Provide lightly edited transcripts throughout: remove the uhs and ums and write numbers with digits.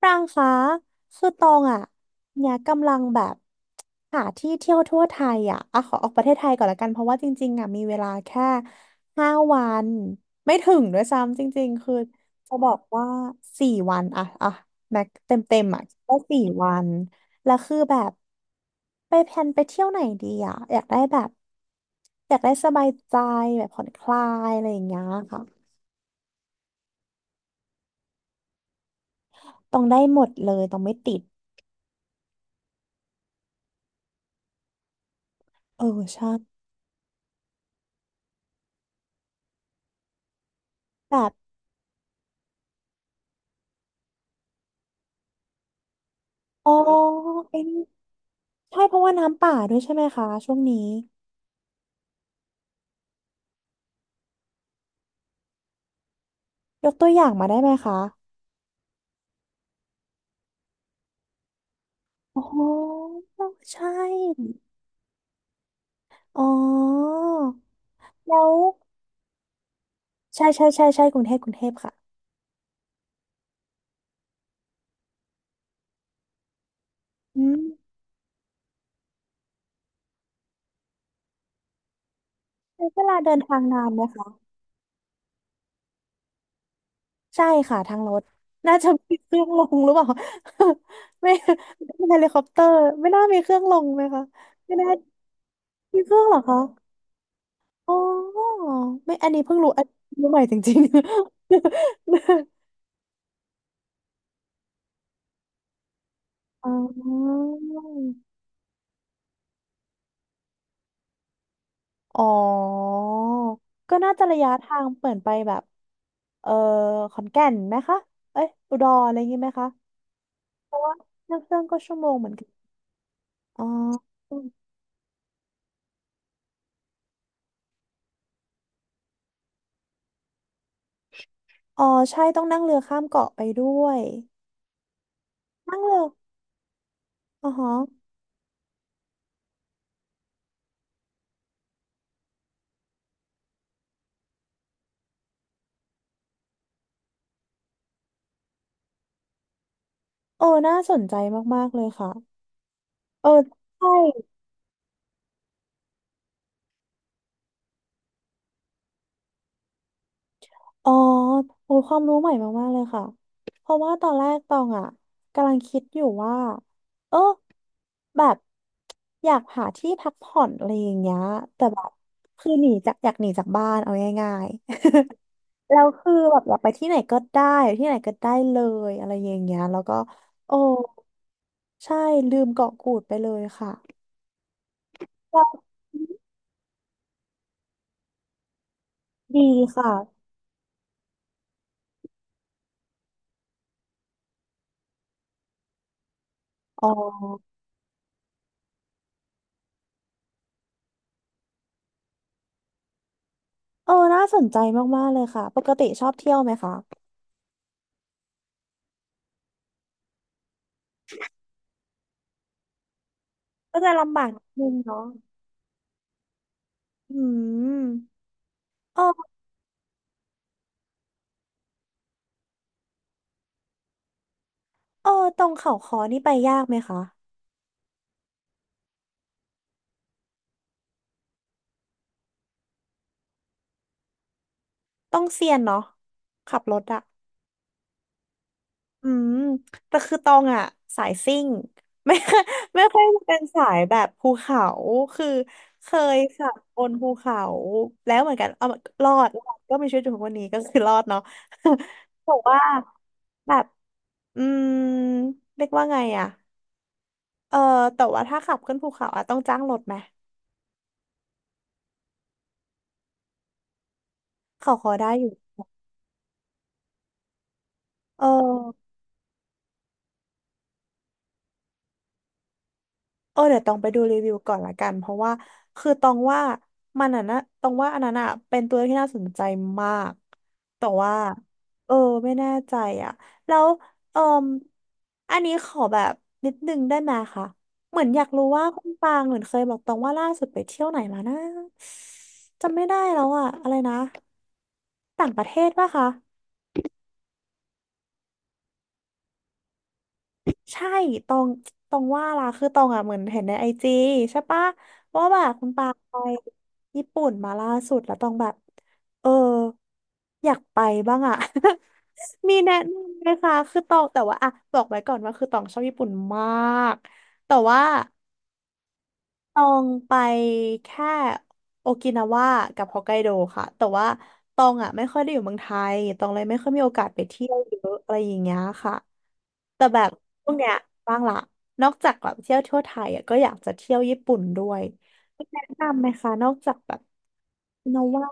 ปรางคะคือตองอ่ะเนี่ยกำลังแบบหาที่เที่ยวทั่วไทยอ่ะอ่ะขอออกประเทศไทยก่อนละกันเพราะว่าจริงๆอ่ะมีเวลาแค่ห้าวันไม่ถึงด้วยซ้ำจริงๆคือจะบอกว่าสี่วันอ่ะอ่ะแม็กเต็มเต็มอ่ะก็สี่วันแล้วคือแบบไปแพลนไปเที่ยวไหนดีอ่ะอยากได้แบบอยากได้สบายใจแบบผ่อนคลายอะไรอย่างเงี้ยค่ะต้องได้หมดเลยต้องไม่ติดเออใช่แบบอ๋อไอ้นี่ ใช่เพราะว่าน้ำป่าด้วยใช่ไหมคะช่วงนี้ยกตัวอย่างมาได้ไหมคะโอ้โหใช่อ๋อแล้วใช่ใช่ใช่ใช่กรุงเทพกรุงเทพค่ะอืมใช้เวลาเดินทางนานไหมคะใช่ค่ะทางรถน่าจะมีเครื่องลงหรือเปล่า ไม่ไม่เฮลิคอปเตอร์ไม่น่ามีเครื่องลงไหมคะไม่น่ามีเครื่องเหรอคะอ๋อไม่อันนี้เพิ่งรู้อันนี้รู้ใหม่จริงๆ อ๋อ อ๋อ ก็น่าจะระยะทางเปลี่ยนไปแบบ เออขอนแก่นไหมคะ เอ้ยอุดรอะไรอย่างงี้ไหมคะนั่งเครื่องก็ชั่วโมงเหมือนกัน อ๋อ อ๋อใช่ต้องนั่งเรือข้ามเกาะไปด้วย นั่งเรือ อ๋อฮะเออ น่าสนใจมากๆเลยค่ะ เออ ใช่ อ๋อโอ้ยความรู้ใหม่มากๆเลยค่ะเพราะว่าตอนแรกตองอ่ะกำลังคิดอยู่ว่าเออแบบอยากหาที่พักผ่อนอะไรอย่างเงี้ยแต่แบบคือหนีจากอยากหนีจากบ้านเอาง่ายๆ แล้วคือแบบอยากไปที่ไหนก็ได้อยู่ที่ไหนก็ได้เลยอะไรอย่างเงี้ยแล้วก็โอ้ใช่ลืมเกาะกูดไปเลยค่ะแล้วดีค่ะอ๋อเออน่าสนใจมากๆเลยค่ะปกติชอบเที่ยวไหมคะ ก็จะลำบากนิดนึงเนาะอืมเออเออตรงเขาคอนี่ไปยากไหมคะต้องเซียนเนาะขับรถอะอืมแต่คือตองอะสายซิ่ง ไม่ค่อยไม่ค่อยเป็นสายแบบภูเขาคือเคยขับบนภูเขาแล้วเหมือนกันเอารอดรอดก็มีชีวิตอยู่ทุกวันนี้ก็คือรอดเนาะ บอกว่าแบบ อืมเรียกว่าไงอะเออแต่ว่าถ้าขับขึ้นภูเขาอะต้องจ้างรถไหมเขาขอได้อยู่เออ เออเดี๋ยวต้องไปดูรีวิวก่อนละกันเพราะว่าคือตองว่ามันอ่ะนะตองว่าอันนั้นอ่ะเป็นตัวที่น่าสนใจมากแต่ว่าเออไม่แน่ใจอ่ะแล้วเออมอันนี้ขอแบบนิดนึงได้ไหมคะเหมือนอยากรู้ว่าคุณปางเหมือนเคยบอกตองว่าล่าสุดไปเที่ยวไหนมานะจำไม่ได้แล้วอ่ะอะไรนะต่างประเทศปะคะ ใช่ตองตองว่าล่ะคือตองอ่ะเหมือนเห็นในไอจีใช่ปะว่าแบบคุณปาไปญี่ปุ่นมาล่าสุดแล้วตองแบบเอออยากไปบ้างอ่ะ มีแนะนำไหมคะคือตองแต่ว่าอ่ะบอกไว้ก่อนว่าคือตองชอบญี่ปุ่นมาก แต่ว่า ตองไปแค่โอกินาวากับฮอกไกโดค่ะแต่ว่าตองอ่ะไม่ค่อยได้อยู่เมืองไทยตองเลยไม่ค่อยมีโอกาสไปเที่ยวเยอะอะไรอย่างเงี้ยค่ะแต่แบบช่วงเนี้ยบ้างละนอกจากแบบเที่ยวทั่วไทยอ่ะก็อยากจะเที่ยวญี่ปุ่นด้วยแนะนำไหมคะนอกจากแบบนาวา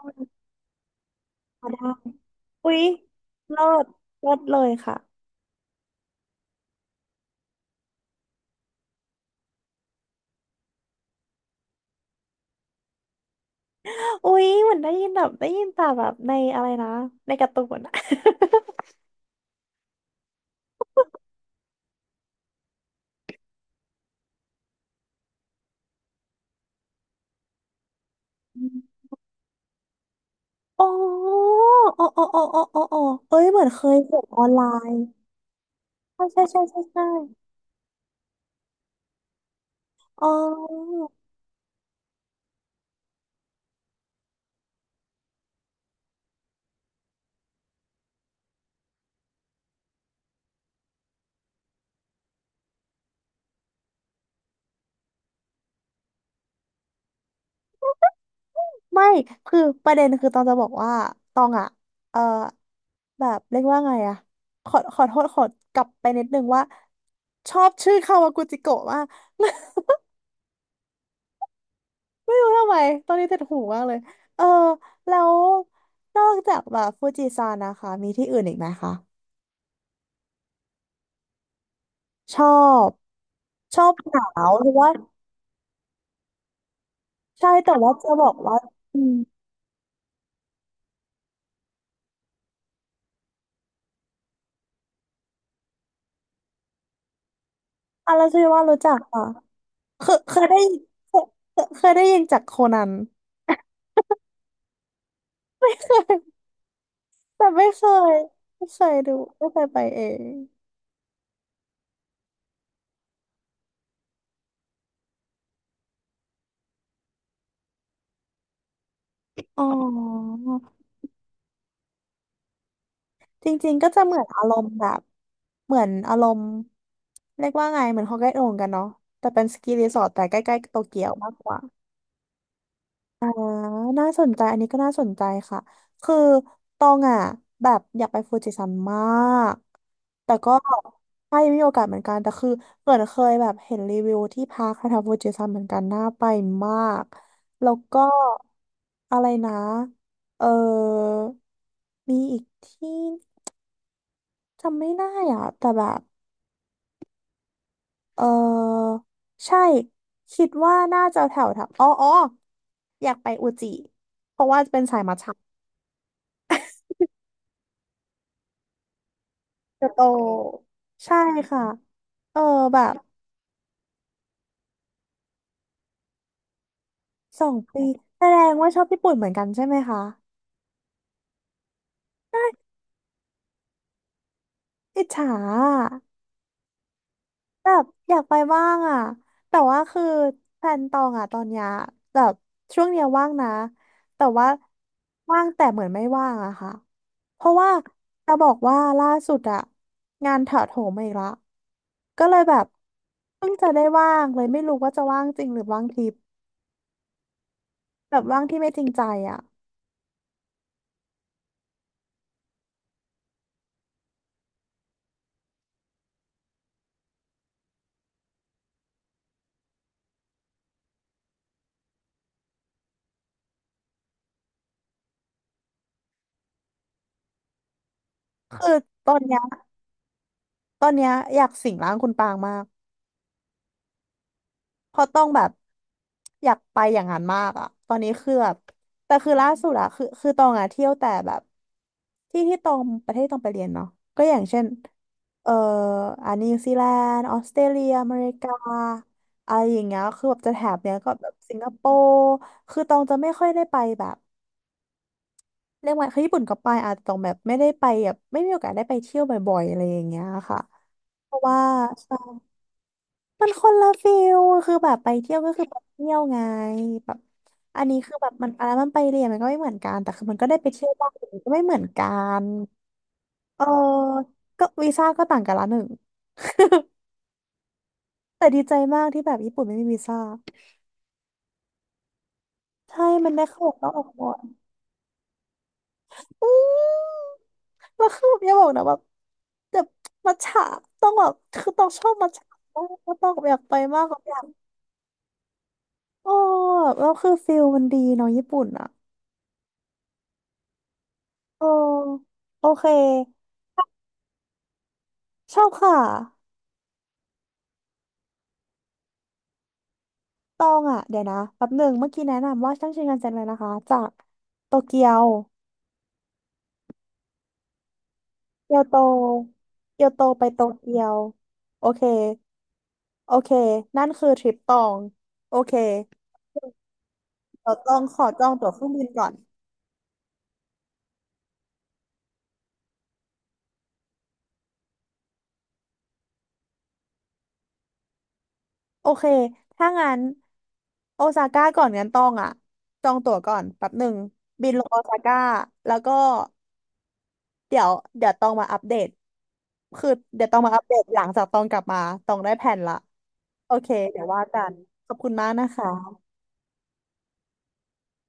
ก็ได้อุ๊ยเลิศเลิศเลยค่ะอุ๊ยเหมือนได้ยินแบบได้ยินแต่แบบในอะไรนะในการ์ตูนอะ โอ๋ออ๋อ อ๋ออ๋ออ๋ออโอเอ้ย เหมือนเคยเห็นออนไลน์ใช่ใช่ใช่ใช่ใช่อ๋อ ไม่ คือประเด็นคือตองจะบอกว่า ตองอะเออแบบเรียกว่าไงอะขอขอโทษขอกลับไปนิดนึงว่า ชอบชื่อคาวากุจิโกะมาก ไม่รู้ทำไม ตอนนี้ติดหูมากเลย เออ แล้ว นอกจากแบบฟูจิซานนะคะ มีที่อื่นอีกไหมคะ ชอบ ชอบหนาวหรือว่า ใช่แต่ว่าจะบอกว่าอืมอะไรที่ว่ารู้จักอ่ะเคยเคยได้ยินเคยเคยได้ยินจากโคนัน เคยแต่ไม่เคยไม่เคยดูไม่เคยไปเองอ๋อจริงๆก็จะเหมือนอารมณ์แบบเหมือนอารมณ์เรียกว่าไงเหมือนฮอกไกโดเหมือนกันเนาะแต่เป็นสกีรีสอร์ทแต่ใกล้ๆโตเกียวมากกว่า อ่าน่าสนใจอันนี้ก็น่าสนใจค่ะ คือตองอ่ะแบบอยากไปฟูจิซันมาก แต่ก็ใช่มีโอกาสเหมือนกันแต่คือเหมือนเคยแบบเห็นรีวิวที่พักแถวๆฟูจิซันเหมือนกันน่าไปมาก แล้วก็อะไรนะเออ มีอีกที่จำไม่ได้อ่ะแต่แบบเออใช่คิดว่าน่าจะแถวแถวอ๋ออ๋ออยากไปอุจิเพราะว่าเป็นสายมัทฉะ เกียวโตใช่ค่ะเออแบบสองปีแสดงว่าชอบญี่ปุ่นเหมือนกันใช่ไหมคะใช่อิจฉาอะแบบอยากไปบ้างอ่ะแต่ว่าคือแพลนตองอ่ะตอนเนี้ยแบบช่วงเนี้ยว่างนะแต่ว่าว่างแต่เหมือนไม่ว่างอะค่ะเพราะว่าจะบอกว่าล่าสุดอะงานถาโถมมาอีกละก็เลยแบบเพิ่งจะได้ว่างเลยไม่รู้ว่าจะว่างจริงหรือว่างทิพย์แบบว่างที่ไม่จริงใจอะตอนเนี้ย ตอนเนี้ยอยากสิงร่างคุณปางมาก เพราะต้องแบบอยากไปอย่างนั้นมากอะตอนนี้คือแบบแต่คือล่าสุดอะคือตองอะเที่ยวแต่แบบที่ที่ตองประเทศที่ตองไปเรียนเนาะก็อย่างเช่นเอ่ออันนิวซีแลนด์ออสเตรเลียอเมริกาอะไรอย่างเงี้ยคือแบบจะแถบเนี้ยก็แบบสิงคโปร์คือตองจะไม่ค่อยได้ไปแบบเรียกว่าคือญี่ปุ่นก็ไปอาจจะตองแบบไม่ได้ไปแบบไม่มีโอกาสได้ไปเที่ยวบ่อยๆอะไรอย่างเงี้ยค่ะเพราะว่า มันคนละฟิลคือแบบไปเที่ยวก็คือไปเที่ยวไงแบบอันนี้คือแบบมันอะไรมันไปเรียนมันก็ไม่เหมือนกันแต่คือมันก็ได้ไปเที่ยวบ้างแต่มันก็ไม่เหมือนกันเออก็วีซ่าก็ต่างกันละหนึ่ง แต่ดีใจมากที่แบบญี่ปุ่นไม่มีวีซ่าใช่มันได้เข้าออกนอกออกหมดอืมแล้วคืออย่าบอกนะแบบแบบมัทฉะต้องแบบคือต้องชอบมัทฉะต้องต้องอยากไปมากก็อยากโอ้แล้วคือฟิลมันดีเนาะญี่ปุ่นอะ โอโอเคชอบค่ะตองอ่ะเดี๋ยวนะแป๊บหนึ่งเมื่อกี้แนะนำว่าชั้งชินกันเซ็นเลยนะคะจากโตเกียวเกียวโตเกียวโตไปโตเกียวโอเคโอเคนั่นคือทริปตองโอเคเดี๋ยวตองขอจองตั๋วเครื่องบินก่อนโอเคถ้างั้นโอซาก้าก่อนงั้นตองอ่ะจองตั๋วก่อนแป๊บหนึ่งบินลงโอซาก้าแล้วก็ เดี๋ยวเดี๋ยวต้องมาอัปเดตคือเดี๋ยวต้องมาอัปเดตหลังจากตองกลับมาตองได้แผนละโอเคเดี๋ยวว่ากันขอบคุณมากนะคะ